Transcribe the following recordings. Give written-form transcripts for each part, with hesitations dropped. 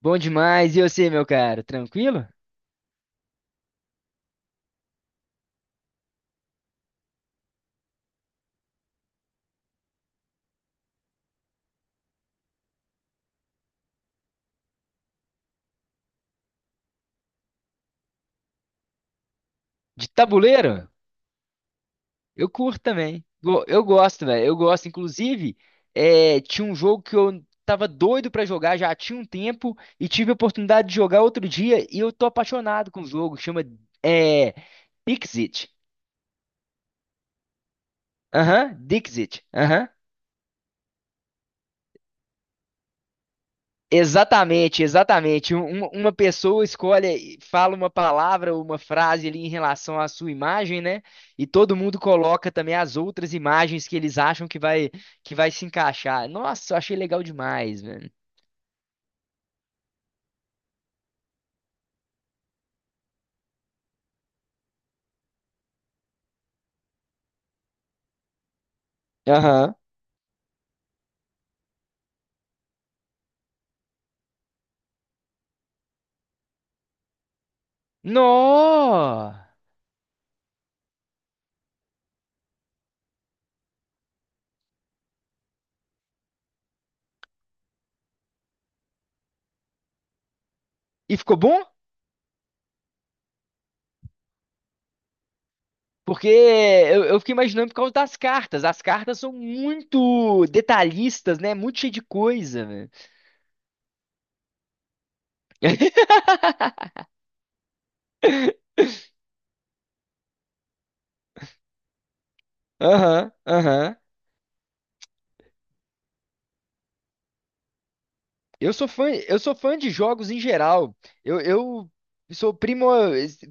Bom demais. E você, meu caro? Tranquilo? De tabuleiro? Eu curto também. Eu gosto, velho. Eu gosto. Inclusive, tinha um jogo que eu tava doido pra jogar já tinha um tempo e tive a oportunidade de jogar outro dia e eu tô apaixonado com o jogo. Chama é, Dixit. Aham, Dixit. Exatamente, exatamente. Uma pessoa escolhe, e fala uma palavra ou uma frase ali em relação à sua imagem, né? E todo mundo coloca também as outras imagens que eles acham que vai se encaixar. Nossa, eu achei legal demais, velho. Aham. Nó! E ficou bom? Porque eu fiquei imaginando por causa das cartas. As cartas são muito detalhistas, né? Muito cheio de coisa, velho. Aham, aham. Eu sou fã de jogos em geral. Eu sou primo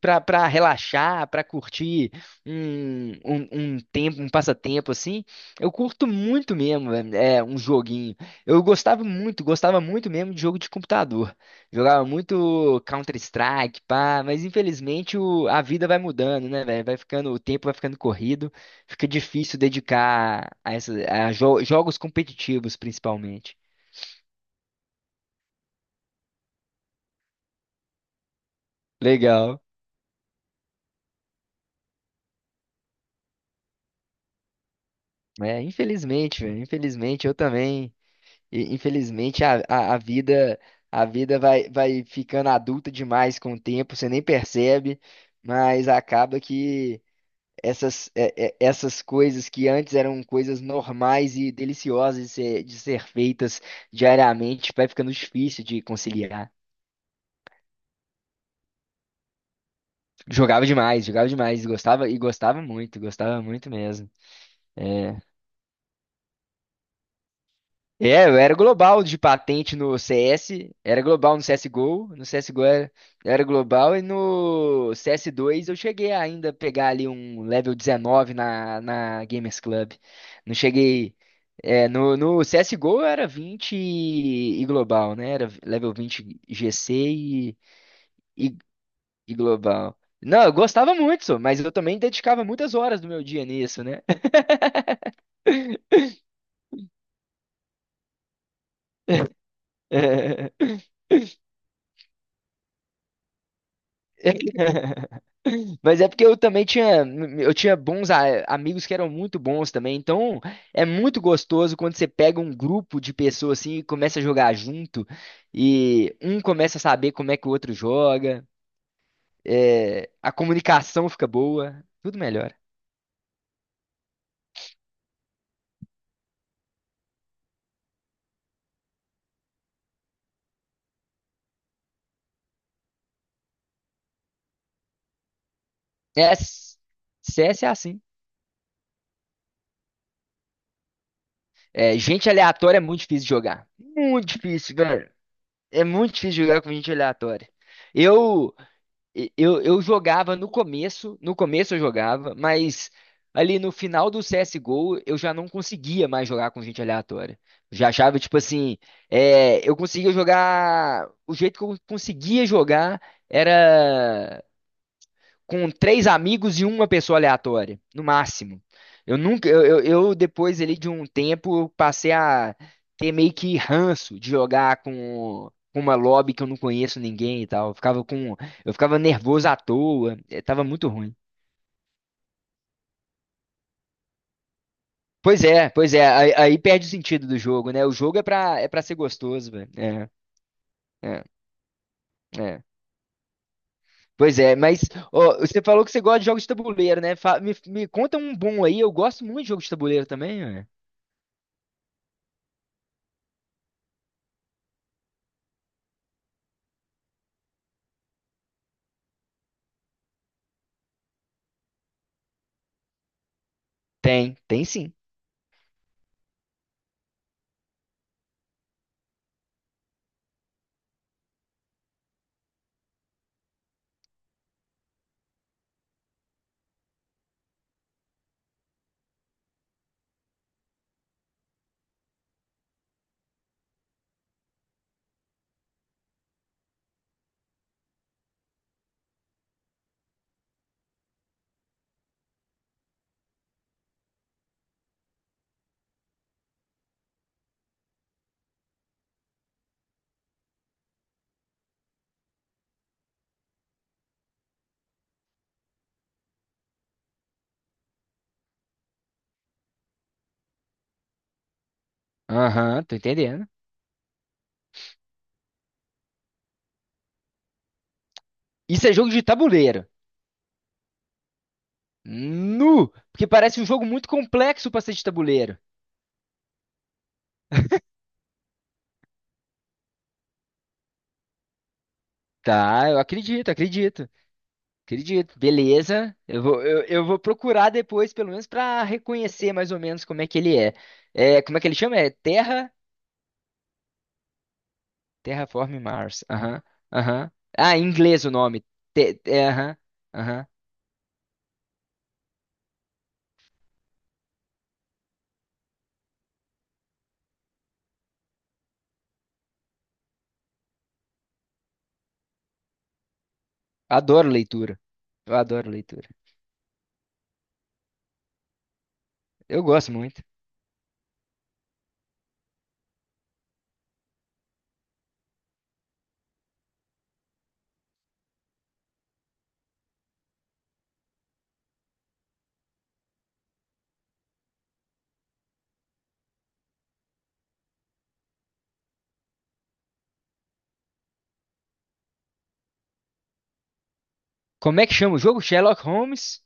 para relaxar, para curtir um, um, um tempo, um passatempo assim. Eu curto muito mesmo, velho, é um joguinho. Eu gostava muito mesmo de jogo de computador. Jogava muito Counter-Strike, pá, mas infelizmente a vida vai mudando, né, velho? Vai ficando, o tempo vai ficando corrido, fica difícil dedicar a jogos competitivos, principalmente. Legal. É, infelizmente, velho, infelizmente eu também. E, infelizmente a vida a vida vai ficando adulta demais com o tempo, você nem percebe, mas acaba que essas coisas que antes eram coisas normais e deliciosas de de ser feitas diariamente, vai ficando difícil de conciliar. Jogava demais, gostava e gostava muito mesmo. É, eu era global de patente no CS, era global no CSGO, eu era global e no CS2 eu cheguei ainda a pegar ali um level 19 na, na Gamers Club. Não cheguei. No CSGO eu era 20 e global, né? Era level 20 GC e, e global. Não, eu gostava muito, só, mas eu também dedicava muitas horas do meu dia nisso, né? Mas é porque eu também tinha, eu tinha bons amigos que eram muito bons também. Então, é muito gostoso quando você pega um grupo de pessoas assim e começa a jogar junto e um começa a saber como é que o outro joga. É, a comunicação fica boa, tudo melhora. É, C s- É assim. É, gente aleatória é muito difícil de jogar. Muito difícil, velho. É muito difícil jogar com gente aleatória. Eu eu jogava no começo, no começo eu jogava, mas ali no final do CSGO eu já não conseguia mais jogar com gente aleatória. Já achava, tipo assim, eu conseguia jogar. O jeito que eu conseguia jogar era com três amigos e uma pessoa aleatória, no máximo. Eu nunca, eu, Depois ali de um tempo, eu passei a ter meio que ranço de jogar com uma lobby que eu não conheço ninguém e tal. Eu ficava nervoso à toa, tava muito ruim. Pois é, aí perde o sentido do jogo, né? O jogo é pra ser gostoso, velho. É, é. Pois é, mas ó, você falou que você gosta de jogos de tabuleiro, né? Me conta um bom aí, eu gosto muito de jogos de tabuleiro também, velho. Tem, tem sim. Aham, tô entendendo. Isso é jogo de tabuleiro. Nu! Porque parece um jogo muito complexo pra ser de tabuleiro. Tá, eu acredito, acredito. Acredito. Beleza. Eu vou procurar depois, pelo menos, pra reconhecer mais ou menos como é que ele é. É, como é que ele chama? É Terra? Terraform Mars. Aham, aham. Ah, em inglês o nome. Aham, aham. Adoro leitura. Eu adoro leitura. Eu gosto muito. Como é que chama o jogo? Sherlock Holmes?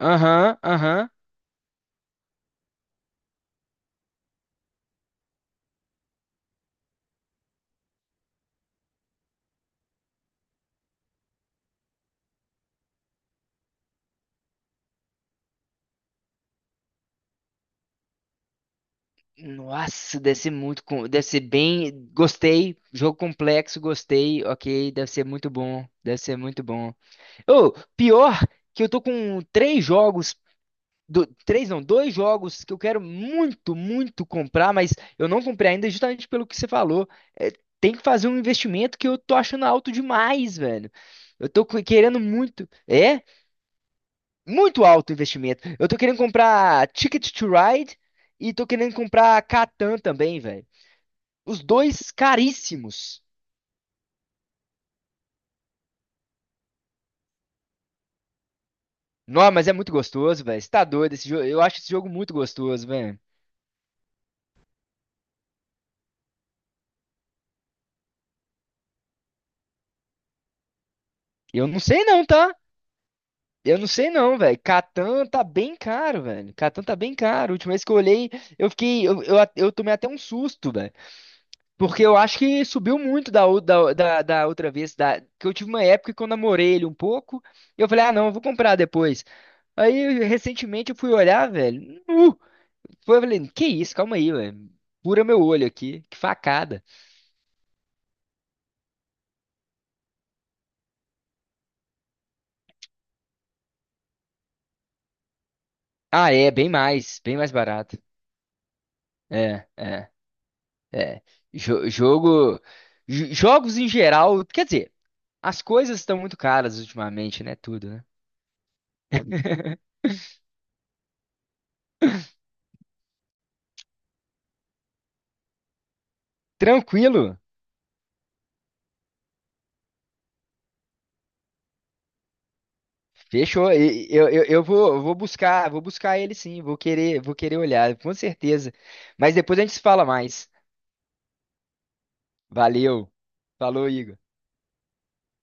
Aham, aham. Nossa, deve ser deve ser bem, gostei, jogo complexo, gostei, ok, deve ser muito bom, deve ser muito bom. Ô, pior que eu tô com três não, dois jogos que eu quero muito, muito comprar, mas eu não comprei ainda justamente pelo que você falou. É, tem que fazer um investimento que eu tô achando alto demais, velho. Querendo muito, muito alto o investimento. Eu tô querendo comprar Ticket to Ride e tô querendo comprar Catan também, velho. Os dois caríssimos. Não, mas é muito gostoso, velho. Você tá doido? Esse jogo, eu acho esse jogo muito gostoso, velho. Eu não sei não, tá? Eu não sei não, velho. Catan tá bem caro, velho. Catan tá bem caro. A última vez que eu olhei, eu fiquei. Eu tomei até um susto, velho. Porque eu acho que subiu muito da outra vez. Da, que eu tive uma época que eu namorei ele um pouco. E eu falei, ah, não, eu vou comprar depois. Aí, recentemente, eu fui olhar, velho. Foi, eu falei, que isso, calma aí, velho. Pura meu olho aqui. Que facada. Ah, é, bem mais barato. É, é, é. Jogo, jogos em geral, quer dizer, as coisas estão muito caras ultimamente, né? Tudo, né? Tranquilo, fechou. Eu vou buscar ele sim, vou querer olhar, com certeza. Mas depois a gente se fala mais. Valeu. Falou, Igor.